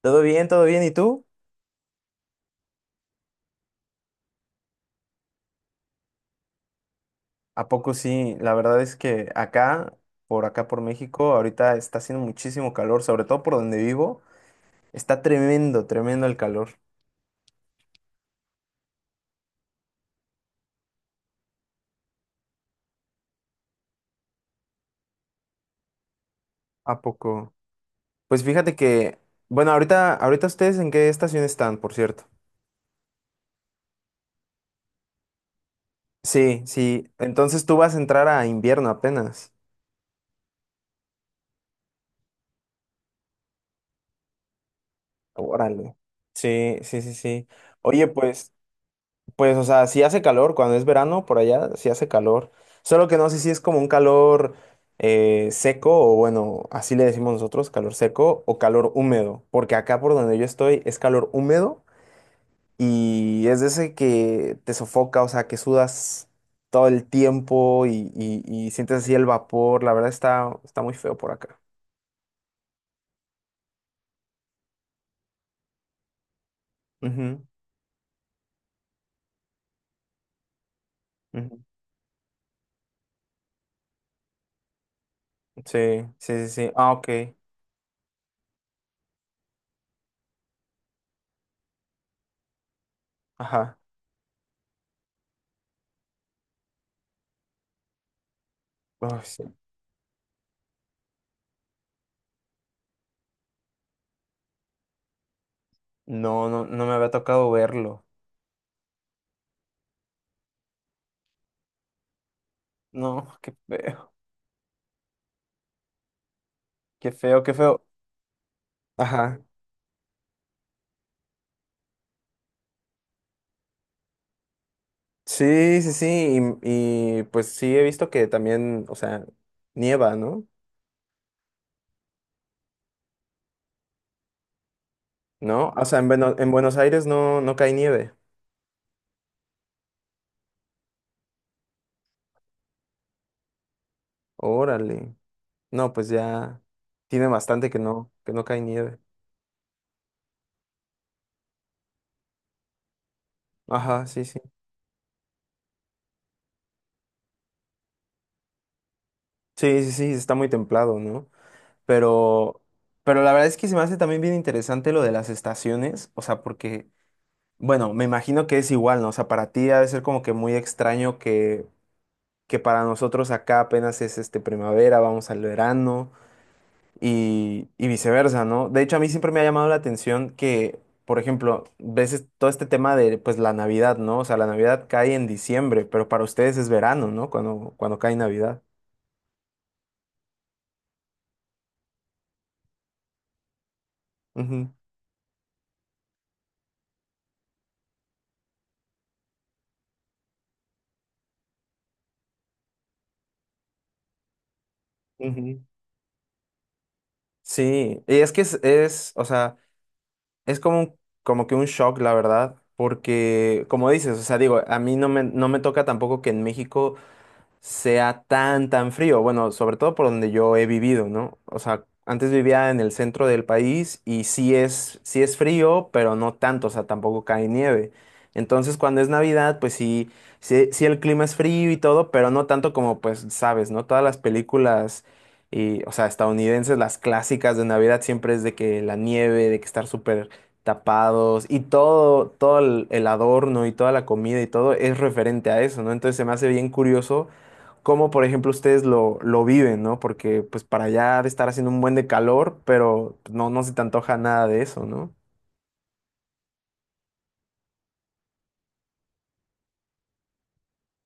Todo bien, todo bien. ¿Y tú? ¿A poco sí? La verdad es que acá, por acá por México, ahorita está haciendo muchísimo calor, sobre todo por donde vivo. Está tremendo, tremendo el calor. ¿A poco? Pues fíjate que, bueno, ahorita ustedes en qué estación están, por cierto. Sí, sí. Entonces tú vas a entrar a invierno apenas. Órale. Sí, sí, sí, sí. Oye, pues. Pues, o sea, sí hace calor cuando es verano por allá, sí hace calor. Solo que no sé si es como un calor seco o bueno, así le decimos nosotros, calor seco o calor húmedo. Porque acá por donde yo estoy es calor húmedo y es de ese que te sofoca, o sea, que sudas todo el tiempo y sientes así el vapor. La verdad está, está muy feo por acá. Ujú, ujú. Sí, sí, sí, sí. Ah, ok. Ajá. Ay, sí. No, no, no me había tocado verlo. No, qué feo. Qué feo, qué feo. Ajá. Sí, sí, sí. Y, pues sí he visto que también, o sea, nieva, ¿no? ¿No? O sea, Ajá. En Buenos Aires no, no cae nieve. Órale. No, pues ya tiene bastante que no cae nieve. Ajá, sí, sí. Sí, sí, sí, está muy templado, ¿no? Pero, pero la verdad es que se me hace también bien interesante lo de las estaciones. O sea, porque, bueno, me imagino que es igual, ¿no? O sea, para ti ha de ser como que muy extraño que para nosotros acá apenas es este primavera, vamos al verano y viceversa, ¿no? De hecho, a mí siempre me ha llamado la atención que, por ejemplo, veces todo este tema de pues la Navidad, ¿no? O sea, la Navidad cae en diciembre, pero para ustedes es verano, ¿no? Cuando, cuando cae Navidad. Ujú, ujú. Sí, y es que es, o sea, es como un- como que un shock, la verdad, porque como dices, o sea, digo, a mí no me, no me toca tampoco que en México sea tan, tan frío. Bueno, sobre todo por donde yo he vivido, ¿no? O sea, antes vivía en el centro del país y sí es frío, pero no tanto, o sea, tampoco cae nieve. Entonces, cuando es Navidad, pues sí, sí, sí el clima es frío y todo, pero no tanto como, pues, sabes, ¿no? Todas las películas, y, o sea, estadounidenses, las clásicas de Navidad siempre es de que la nieve, de que estar súper tapados y todo, todo el adorno y toda la comida y todo es referente a eso, ¿no? Entonces se me hace bien curioso cómo, por ejemplo, ustedes lo viven, ¿no? Porque pues para allá ha de estar haciendo un buen de calor, pero pues, no, no se te antoja nada de eso, ¿no?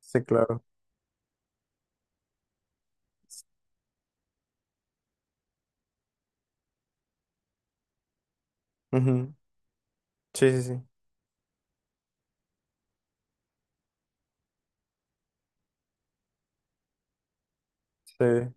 Sí, claro. Ujú. Sí, sí, sí. Sí.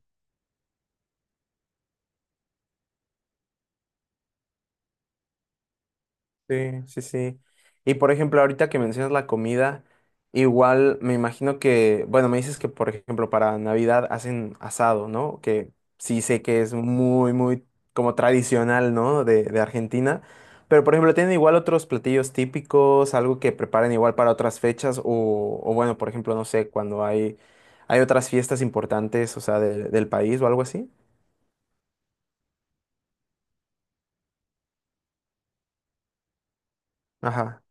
Sí, sí, sí. Y por ejemplo, ahorita que mencionas la comida, igual me imagino que, bueno, me dices que por ejemplo para Navidad hacen asado, ¿no? Que sí sé que es muy, muy como tradicional, ¿no? De Argentina. Pero por ejemplo, ¿tienen igual otros platillos típicos, algo que preparen igual para otras fechas? O bueno, por ejemplo, no sé, cuando hay otras fiestas importantes, o sea, del país o algo así. Ajá.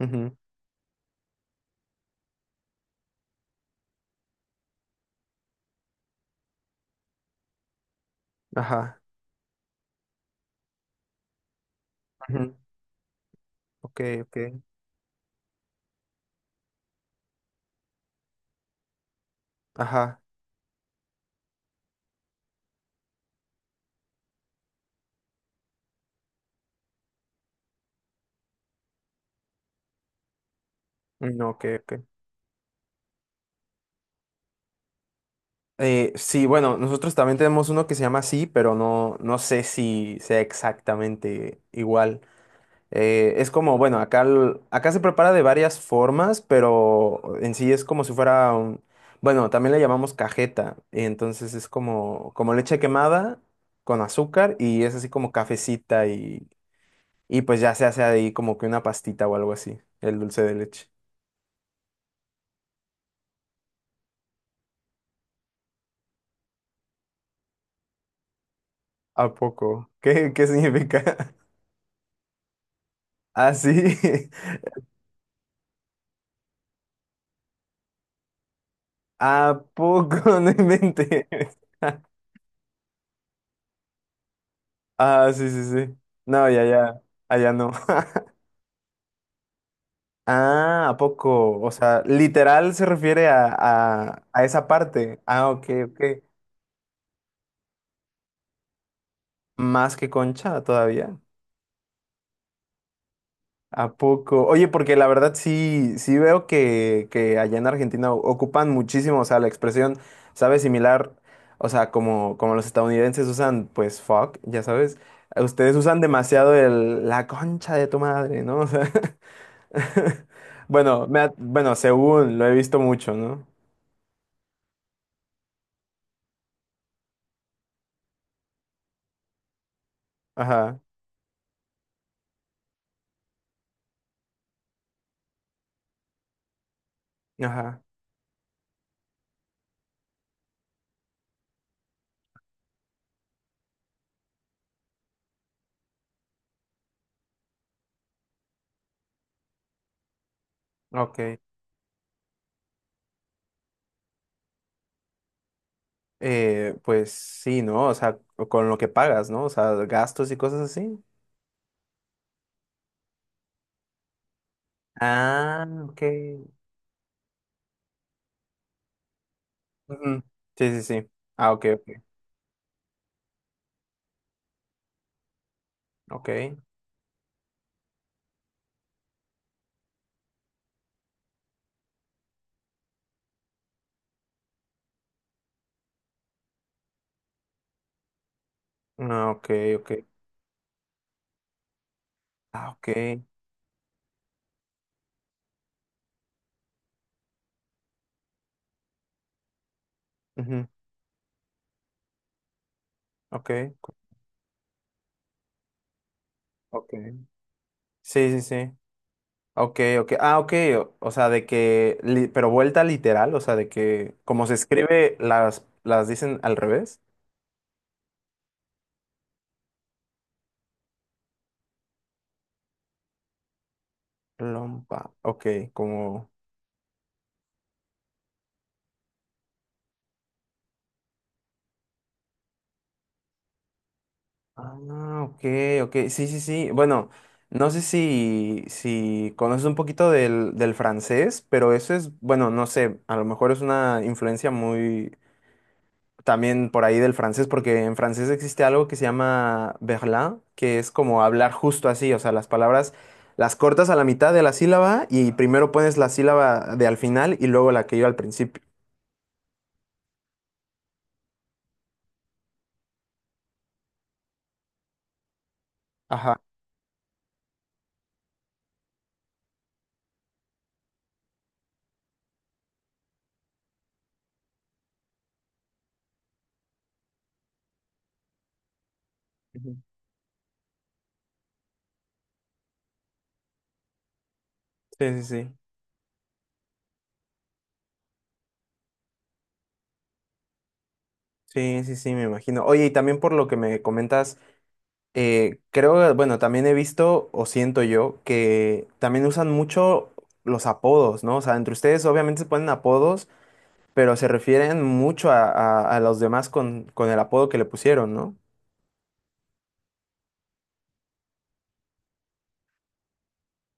Ujú. Ajá. Ujú. Ok, ok. Ajá. No, ok, ok. Sí, bueno, nosotros también tenemos uno que se llama así, pero no, no sé si sea exactamente igual. Es como, bueno, acá, acá se prepara de varias formas, pero en sí es como si fuera un, bueno, también le llamamos cajeta. Entonces es como, como leche quemada con azúcar y es así como cafecita y pues ya se hace ahí como que una pastita o algo así, el dulce de leche. ¿A poco? ¿Qué, qué significa? Ah, sí. ¿A poco? No inventes. Ah, sí, sí, sí. No, ya, ya. Allá no. Ah, ¿a poco? O sea, literal se refiere a esa parte. Ah, ok, ok. Más que concha todavía. ¿A poco? Oye, porque la verdad sí, sí veo que allá en Argentina ocupan muchísimo, o sea, la expresión, ¿sabes? Similar, o sea, como, como los estadounidenses usan, pues, fuck, ya sabes. Ustedes usan demasiado el, la concha de tu madre, ¿no? O sea. Bueno, según lo he visto mucho, ¿no? Ajá, ajá, ok. Pues sí, ¿no? O sea, con lo que pagas, ¿no? O sea, gastos y cosas así. Ah, ok. Ujú. Sí, sí, sí. Ah, ok, ok, ok. Ah, ok, ok. Ah, ok. Ujú. Ok, ok. Sí, sí, sí. Ok, ok. Ah, ok. O sea, de que, pero vuelta literal, o sea, de que como se escribe, las dicen al revés. Lompa. Ok, como... Ah, ok, ok. Sí, sí, sí. Bueno, no sé si, si conoces un poquito del, del francés, pero eso es, bueno, no sé, a lo mejor es una influencia muy también por ahí del francés, porque en francés existe algo que se llama verlan, que es como hablar justo así, o sea, las palabras las cortas a la mitad de la sílaba y primero pones la sílaba de al final y luego la que iba al principio. Ajá. Ujú. Sí, sí, sí. Sí, sí, sí, me imagino. Oye, y también por lo que me comentas, creo, bueno, también he visto o siento yo que también usan mucho los apodos, ¿no? O sea, entre ustedes obviamente se ponen apodos, pero se refieren mucho a, a los demás con el apodo que le pusieron, ¿no?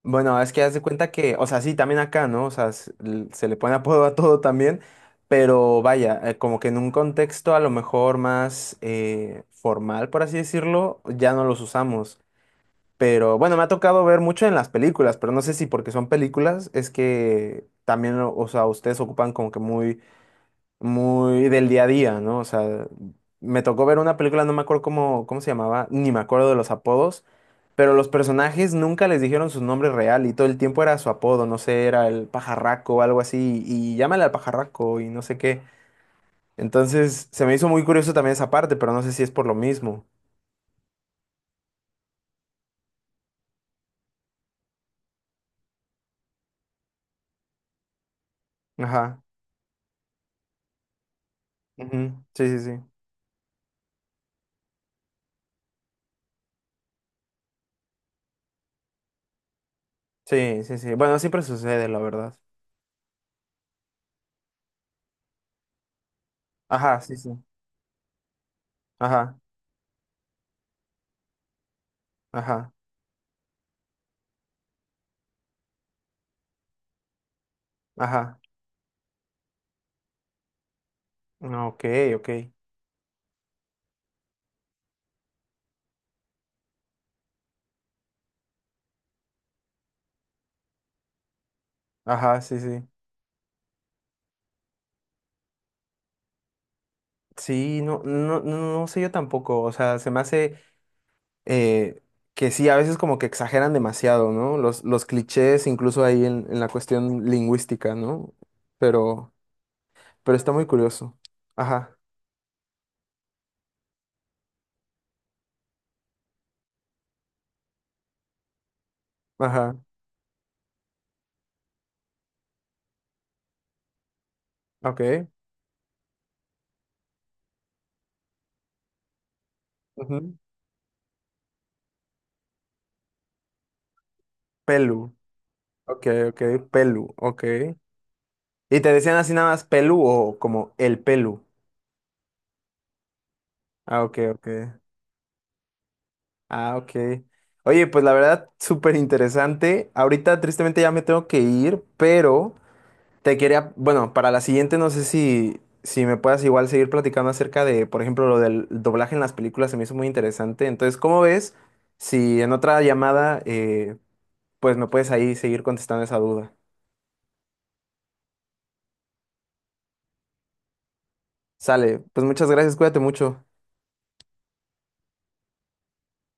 Bueno, es que haz de cuenta que, o sea, sí, también acá, ¿no? O sea, se le pone apodo a todo también, pero vaya, como que en un contexto a lo mejor más formal, por así decirlo, ya no los usamos. Pero bueno, me ha tocado ver mucho en las películas, pero no sé si porque son películas es que también, o sea, ustedes ocupan como que muy, muy del día a día, ¿no? O sea, me tocó ver una película, no me acuerdo cómo, cómo se llamaba, ni me acuerdo de los apodos, pero los personajes nunca les dijeron su nombre real y todo el tiempo era su apodo, no sé, era el pajarraco o algo así, y llámale al pajarraco y no sé qué. Entonces, se me hizo muy curioso también esa parte, pero no sé si es por lo mismo. Ajá. Ujú. Sí, sí, sí. Sí, sí, sí. Bueno, siempre sucede, la verdad. Ajá, sí, sí. Ajá, ajá, ajá. Ah, Ok, ok. Ajá, sí, sí. Sí, no, no, no, no sé yo tampoco. O sea, se me hace eh, que sí, a veces como que exageran demasiado, ¿no? Los clichés, incluso ahí en la cuestión lingüística, ¿no? Pero, pero está muy curioso. Ajá, ajá, ok. Ujú. Pelu. Ok, ok, pelu, ok. ¿Y te decían así nada más pelu o como el pelu? Ah, ok, ok. Ah, ok. Oye, pues la verdad, súper interesante. Ahorita tristemente ya me tengo que ir, pero te quería, bueno, para la siguiente no sé si, si me puedas igual seguir platicando acerca de, por ejemplo, lo del doblaje en las películas, se me hizo muy interesante. Entonces, ¿cómo ves si en otra llamada, pues me puedes ahí seguir contestando esa duda? Sale, pues muchas gracias, cuídate mucho.